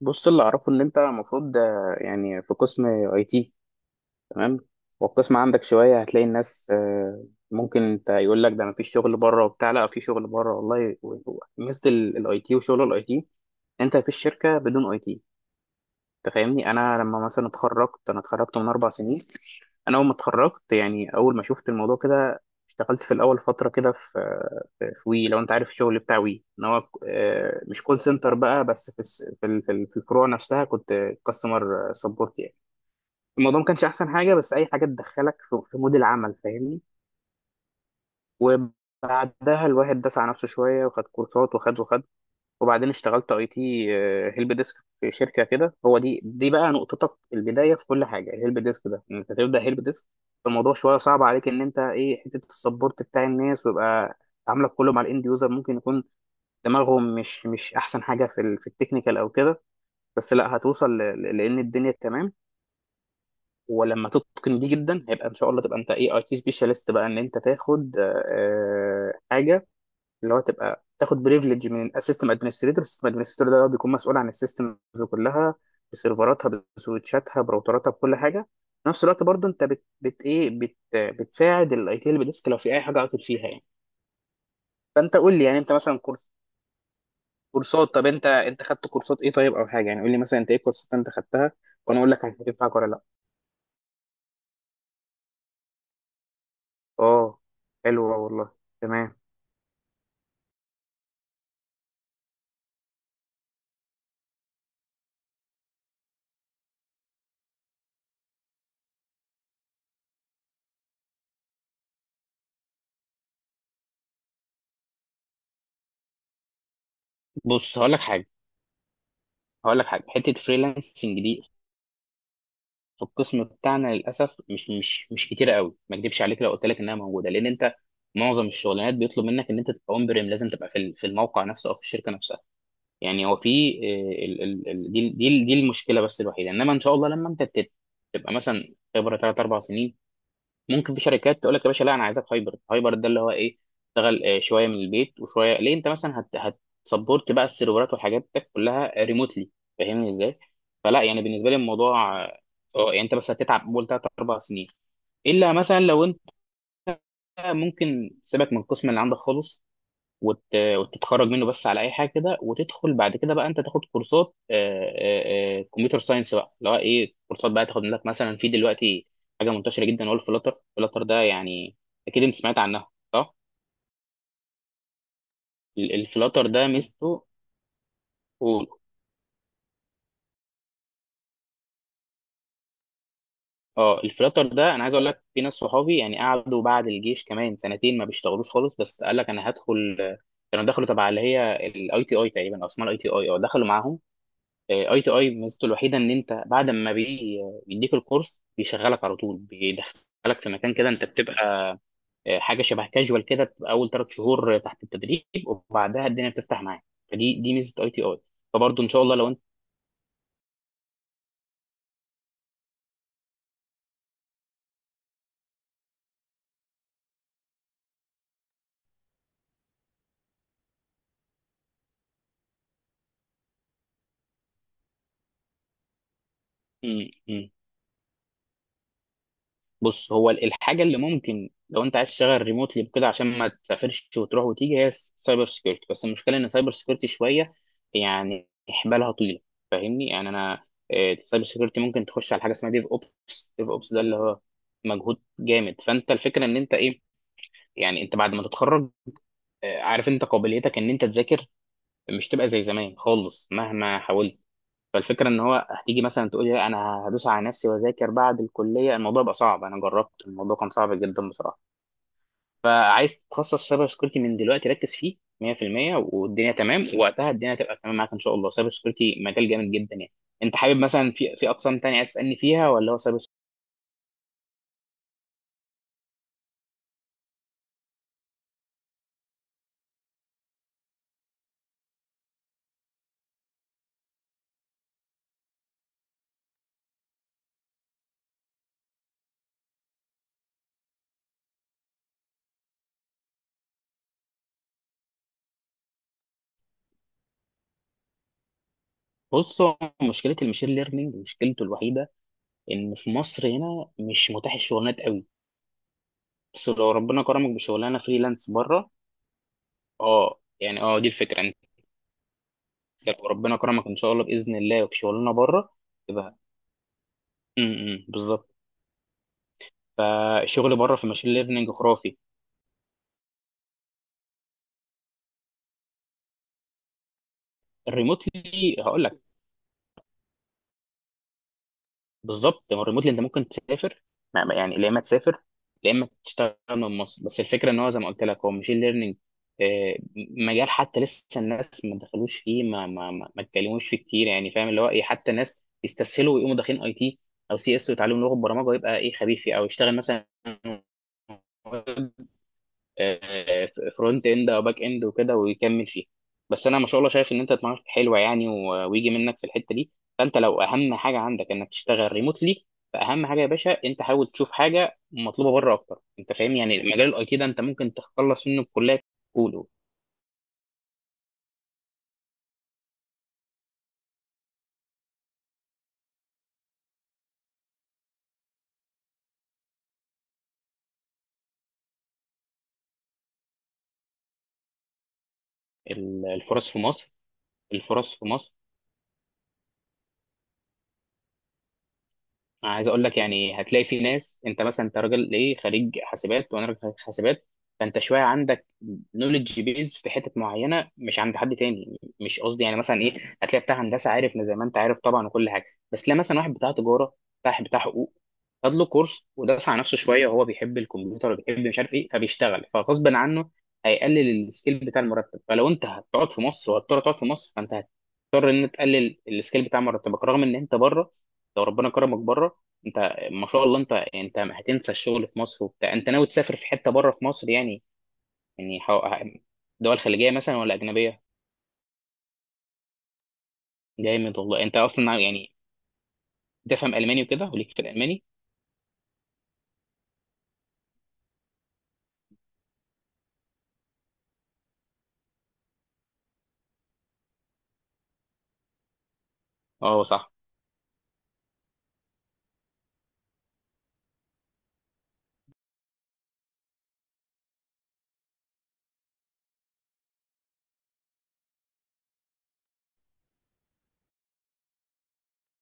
بص، اللي اعرفه ان انت المفروض يعني في قسم اي تي. تمام. والقسم عندك شويه هتلاقي الناس، ممكن انت يقول لك ده مفيش شغل بره وبتاع، لا في شغل بره والله. ميزه الاي تي وشغل الاي تي، انت في الشركه بدون اي تي، انت فاهمني؟ انا لما مثلا اتخرجت، انا اتخرجت من 4 سنين. انا اول ما اتخرجت يعني، اول ما شفت الموضوع كده اشتغلت في الاول فتره كده في وي. لو انت عارف الشغل بتاع وي، ان هو مش كول سنتر بقى، بس في الس- في ال- في ال- في الفروع نفسها كنت كاستمر سبورت يعني. الموضوع ما كانش احسن حاجه، بس اي حاجه تدخلك في مود العمل، فاهمني؟ وبعدها الواحد داس على نفسه شويه وخد كورسات وخد وخد، وبعدين اشتغلت اي تي هيلب ديسك في شركه كده. هو دي بقى نقطتك البدايه في كل حاجه. الهيلب ديسك ده ان انت تبدا هيلب ديسك، الموضوع شويه صعب عليك، ان انت ايه، حته السبورت بتاع الناس، ويبقى عاملك كله مع الاند يوزر. ممكن يكون دماغهم مش احسن حاجه في في التكنيكال او كده، بس لا هتوصل، لان الدنيا تمام. ولما تتقن دي جدا، هيبقى ان شاء الله تبقى انت ايه، اي تي سبيشالست بقى، ان انت تاخد حاجه اللي هو تبقى تاخد بريفليج من السيستم ادمنستريتور. السيستم ادمنستريتور ده هو بيكون مسؤول عن السيستمز كلها، بسيرفراتها، بسويتشاتها، براوتراتها، بكل حاجه. في نفس الوقت برضو، انت بت, بت ايه بت بتساعد الاي تي اللي بديسك لو في اي حاجه عطل فيها يعني. فانت قول لي يعني، انت مثلا كورسات، طب انت خدت كورسات ايه؟ طيب، او حاجه يعني، قول لي مثلا انت ايه الكورسات انت خدتها، وانا اقول لك هتنفعك ولا لا. اه. حلوه والله. تمام. بص، هقول لك حاجه، حته فريلانسنج دي، في القسم بتاعنا للاسف مش كتير قوي. ما اكدبش عليك لو قلت لك انها موجوده، لان انت معظم الشغلانات بيطلب منك ان انت تبقى اون بريم. لازم تبقى في في الموقع نفسه او في الشركه نفسها يعني. هو في دي المشكله بس الوحيده، انما ان شاء الله لما انت تبقى مثلا خبره 3 4 سنين، ممكن في شركات تقول لك يا باشا، لا انا عايزك هايبرد. هايبرد ده اللي هو ايه؟ اشتغل شويه من البيت وشويه. ليه؟ انت مثلا هتسبورت بقى السيرفرات والحاجات دي كلها ريموتلي. فاهمني ازاي؟ فلا يعني، بالنسبه لي الموضوع يعني انت بس هتتعب اول 3 4 سنين. الا مثلا لو انت ممكن سيبك من القسم اللي عندك خالص، وتتخرج منه بس على اي حاجه كده، وتدخل بعد كده بقى انت تاخد كورسات كمبيوتر ساينس بقى، اللي هو ايه، كورسات بقى تاخد لك مثلا. في دلوقتي حاجه منتشره جدا هو الفلاتر. الفلاتر ده يعني، اكيد انت سمعت عنها، صح؟ الفلاتر ده ميزته. قول. اه، الفلاتر ده انا عايز اقول لك، في ناس صحابي يعني قعدوا بعد الجيش كمان سنتين ما بيشتغلوش خالص، بس قال لك انا هدخل كانوا دخلوا تبع اللي هي الاي تي اي تقريبا، او اسمها الاي تي اي، اه، دخلوا معاهم. اي تي اي ميزته الوحيده ان انت بعد ما بيديك الكورس بيشغلك على طول، بيدخلك في مكان كده انت بتبقى حاجه شبه كاجوال كده، بتبقى اول 3 شهور تحت التدريب، وبعدها الدنيا بتفتح معاك. فدي ميزه اي تي اي. فبرضه ان شاء الله لو انت م- م. بص، هو الحاجه اللي ممكن لو انت عايز تشتغل ريموتلي كده عشان ما تسافرش وتروح وتيجي، هي السايبر سكيورتي. بس المشكله ان السايبر سكيورتي شويه يعني حبالها طويله، فاهمني يعني؟ انا السايبر سكيورتي ممكن تخش على حاجه اسمها ديف اوبس. ديف اوبس ده اللي هو مجهود جامد. فانت الفكره ان انت ايه، يعني انت بعد ما تتخرج عارف انت قابليتك ان انت تذاكر مش تبقى زي زمان خالص مهما حاولت. فالفكره ان هو هتيجي مثلا تقولي، لا انا هدوس على نفسي واذاكر بعد الكليه، الموضوع بقى صعب. انا جربت الموضوع كان صعب جدا بصراحه. فعايز تتخصص سايبر سكيورتي من دلوقتي، ركز فيه 100% والدنيا تمام. وقتها الدنيا تبقى تمام معاك ان شاء الله. سايبر سكيورتي مجال جامد جدا يعني. انت حابب مثلا في اقسام تانية عايز تسالني فيها، ولا هو سايبر سكيورتي؟ بص، هو مشكله المشين ليرنينج، مشكلته الوحيده ان في مصر هنا مش متاح الشغلانات قوي. بس لو ربنا كرمك بشغلانه فريلانس بره، اه يعني، اه دي الفكره. طب وربنا كرمك ان شاء الله باذن الله وبشغلنا بره، يبقى بالظبط. فالشغل بره في ماشين ليرنينج خرافي. الريموتلي هقول لك، بالظبط. هو الريموتلي انت ممكن تسافر، يعني يا اما تسافر، يا اما تشتغل من مصر. بس الفكره ان هو زي ما قلت لك، هو ماشين ليرنينج مجال حتى لسه الناس ما دخلوش فيه، ما اتكلموش فيه كتير يعني. فاهم اللي هو ايه، حتى ناس يستسهلوا ويقوموا داخلين اي تي او سي اس، ويتعلموا لغه برمجه، ويبقى ايه خبيث فيه، او يشتغل مثلا فرونت اند او باك اند وكده ويكمل فيها. بس انا ما شاء الله شايف ان انت دماغك حلوه يعني، ويجي منك في الحته دي. فانت لو اهم حاجه عندك انك تشتغل ريموتلي، فاهم حاجه يا باشا، انت حاول تشوف حاجه مطلوبه بره اكتر. انت فاهم يعني مجال الاي تي ده انت ممكن تخلص منه بكليه كله. ال- الفرص في مصر الفرص في مصر، انا عايز اقول لك يعني، هتلاقي في ناس، انت مثلا انت راجل ايه، خريج حاسبات، وانا راجل خريج حاسبات. فانت شويه عندك نولج بيز في حتت معينه مش عند حد تاني. مش قصدي يعني مثلا ايه، هتلاقي بتاع هندسه عارف زي ما انت عارف طبعا وكل حاجه، بس لا مثلا واحد بتاع تجاره، بتاع حقوق، خد له كورس ودرس على نفسه شويه وهو بيحب الكمبيوتر وبيحب مش عارف ايه، فبيشتغل فغصب عنه هيقلل السكيل بتاع المرتب. فلو انت هتقعد في مصر، وهتضطر تقعد في مصر، فانت هتضطر ان تقلل السكيل بتاع مرتبك. رغم ان انت بره، لو ربنا كرمك بره، انت ما شاء الله، انت يعني انت هتنسى الشغل في مصر وبتاع. انت ناوي تسافر في حته بره في مصر يعني، يعني دول خليجيه مثلا ولا اجنبيه؟ جامد والله. انت اصلا يعني تفهم الماني وكده، وليك في الالماني. اه صح.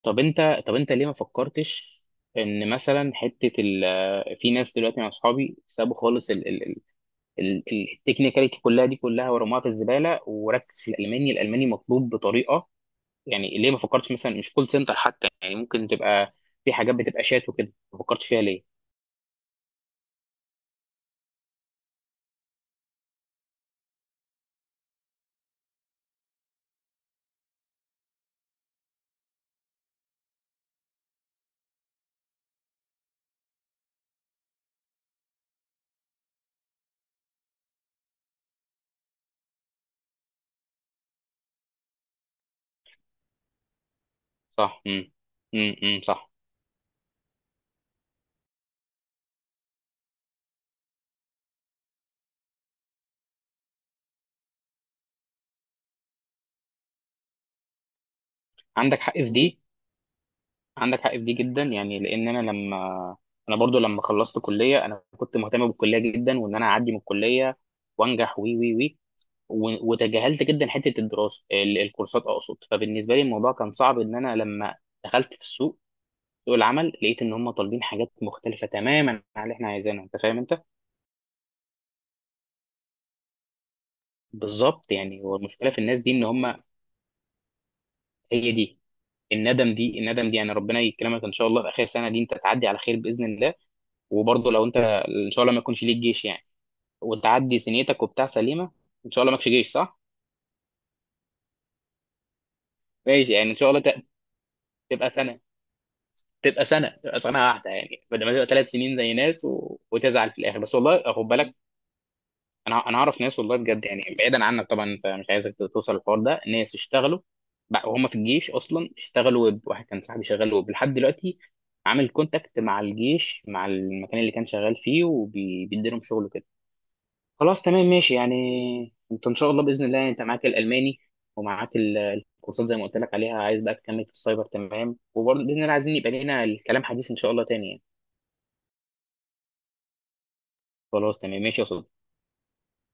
طب انت ليه ما فكرتش ان مثلا حته في ناس دلوقتي مع اصحابي سابوا خالص التكنيكاليتي كلها دي كلها ورموها في الزباله، وركز في الالماني. الالماني مطلوب بطريقه يعني. ليه ما فكرتش مثلا مش كول سنتر حتى يعني؟ ممكن تبقى في حاجات بتبقى شات وكده، ما فكرتش فيها ليه؟ صح. صح. عندك حق في دي، عندك حق في دي جدا يعني، لان انا لما، انا برضو لما خلصت كليه، انا كنت مهتم بالكليه جدا، وان انا اعدي من الكليه وانجح، وي وي وي، وتجاهلت جدا حته الدراسه، الكورسات اقصد. فبالنسبه لي الموضوع كان صعب ان انا لما دخلت في السوق، سوق العمل، لقيت ان هم طالبين حاجات مختلفه تماما عن اللي احنا عايزينها، انت فاهم انت؟ بالظبط. يعني هو المشكله في الناس دي ان هم، هي دي الندم دي. الندم دي يعني، ربنا يكرمك ان شاء الله في اخر سنه دي انت تعدي على خير باذن الله، وبرضه لو انت ان شاء الله ما يكونش ليك جيش يعني، وتعدي سنيتك وبتاع سليمه. ان شاء الله ماكش جيش، صح؟ ماشي يعني، ان شاء الله تبقى سنه تبقى سنه واحده يعني، بدل ما تبقى 3 سنين زي ناس، وتزعل في الاخر. بس والله خد بالك، انا اعرف ناس والله بجد يعني، بعيدا عنك طبعا، انت مش عايزك توصل الحوار ده، ناس اشتغلوا بقى وهم في الجيش، اصلا اشتغلوا ويب. واحد كان صاحبي شغال ويب لحد دلوقتي، عامل كونتاكت مع الجيش، مع المكان اللي كان شغال فيه، وبيدي لهم شغل كده. خلاص تمام ماشي يعني. انت ان شاء الله باذن الله، انت معاك الالماني، ومعاك الكورسات زي ما قلت لك عليها، عايز بقى تكمل في السايبر، تمام. وبرضه باذن الله عايزين يبقى لنا الكلام حديث ان شاء الله تاني يعني. خلاص تمام ماشي يا صديقي.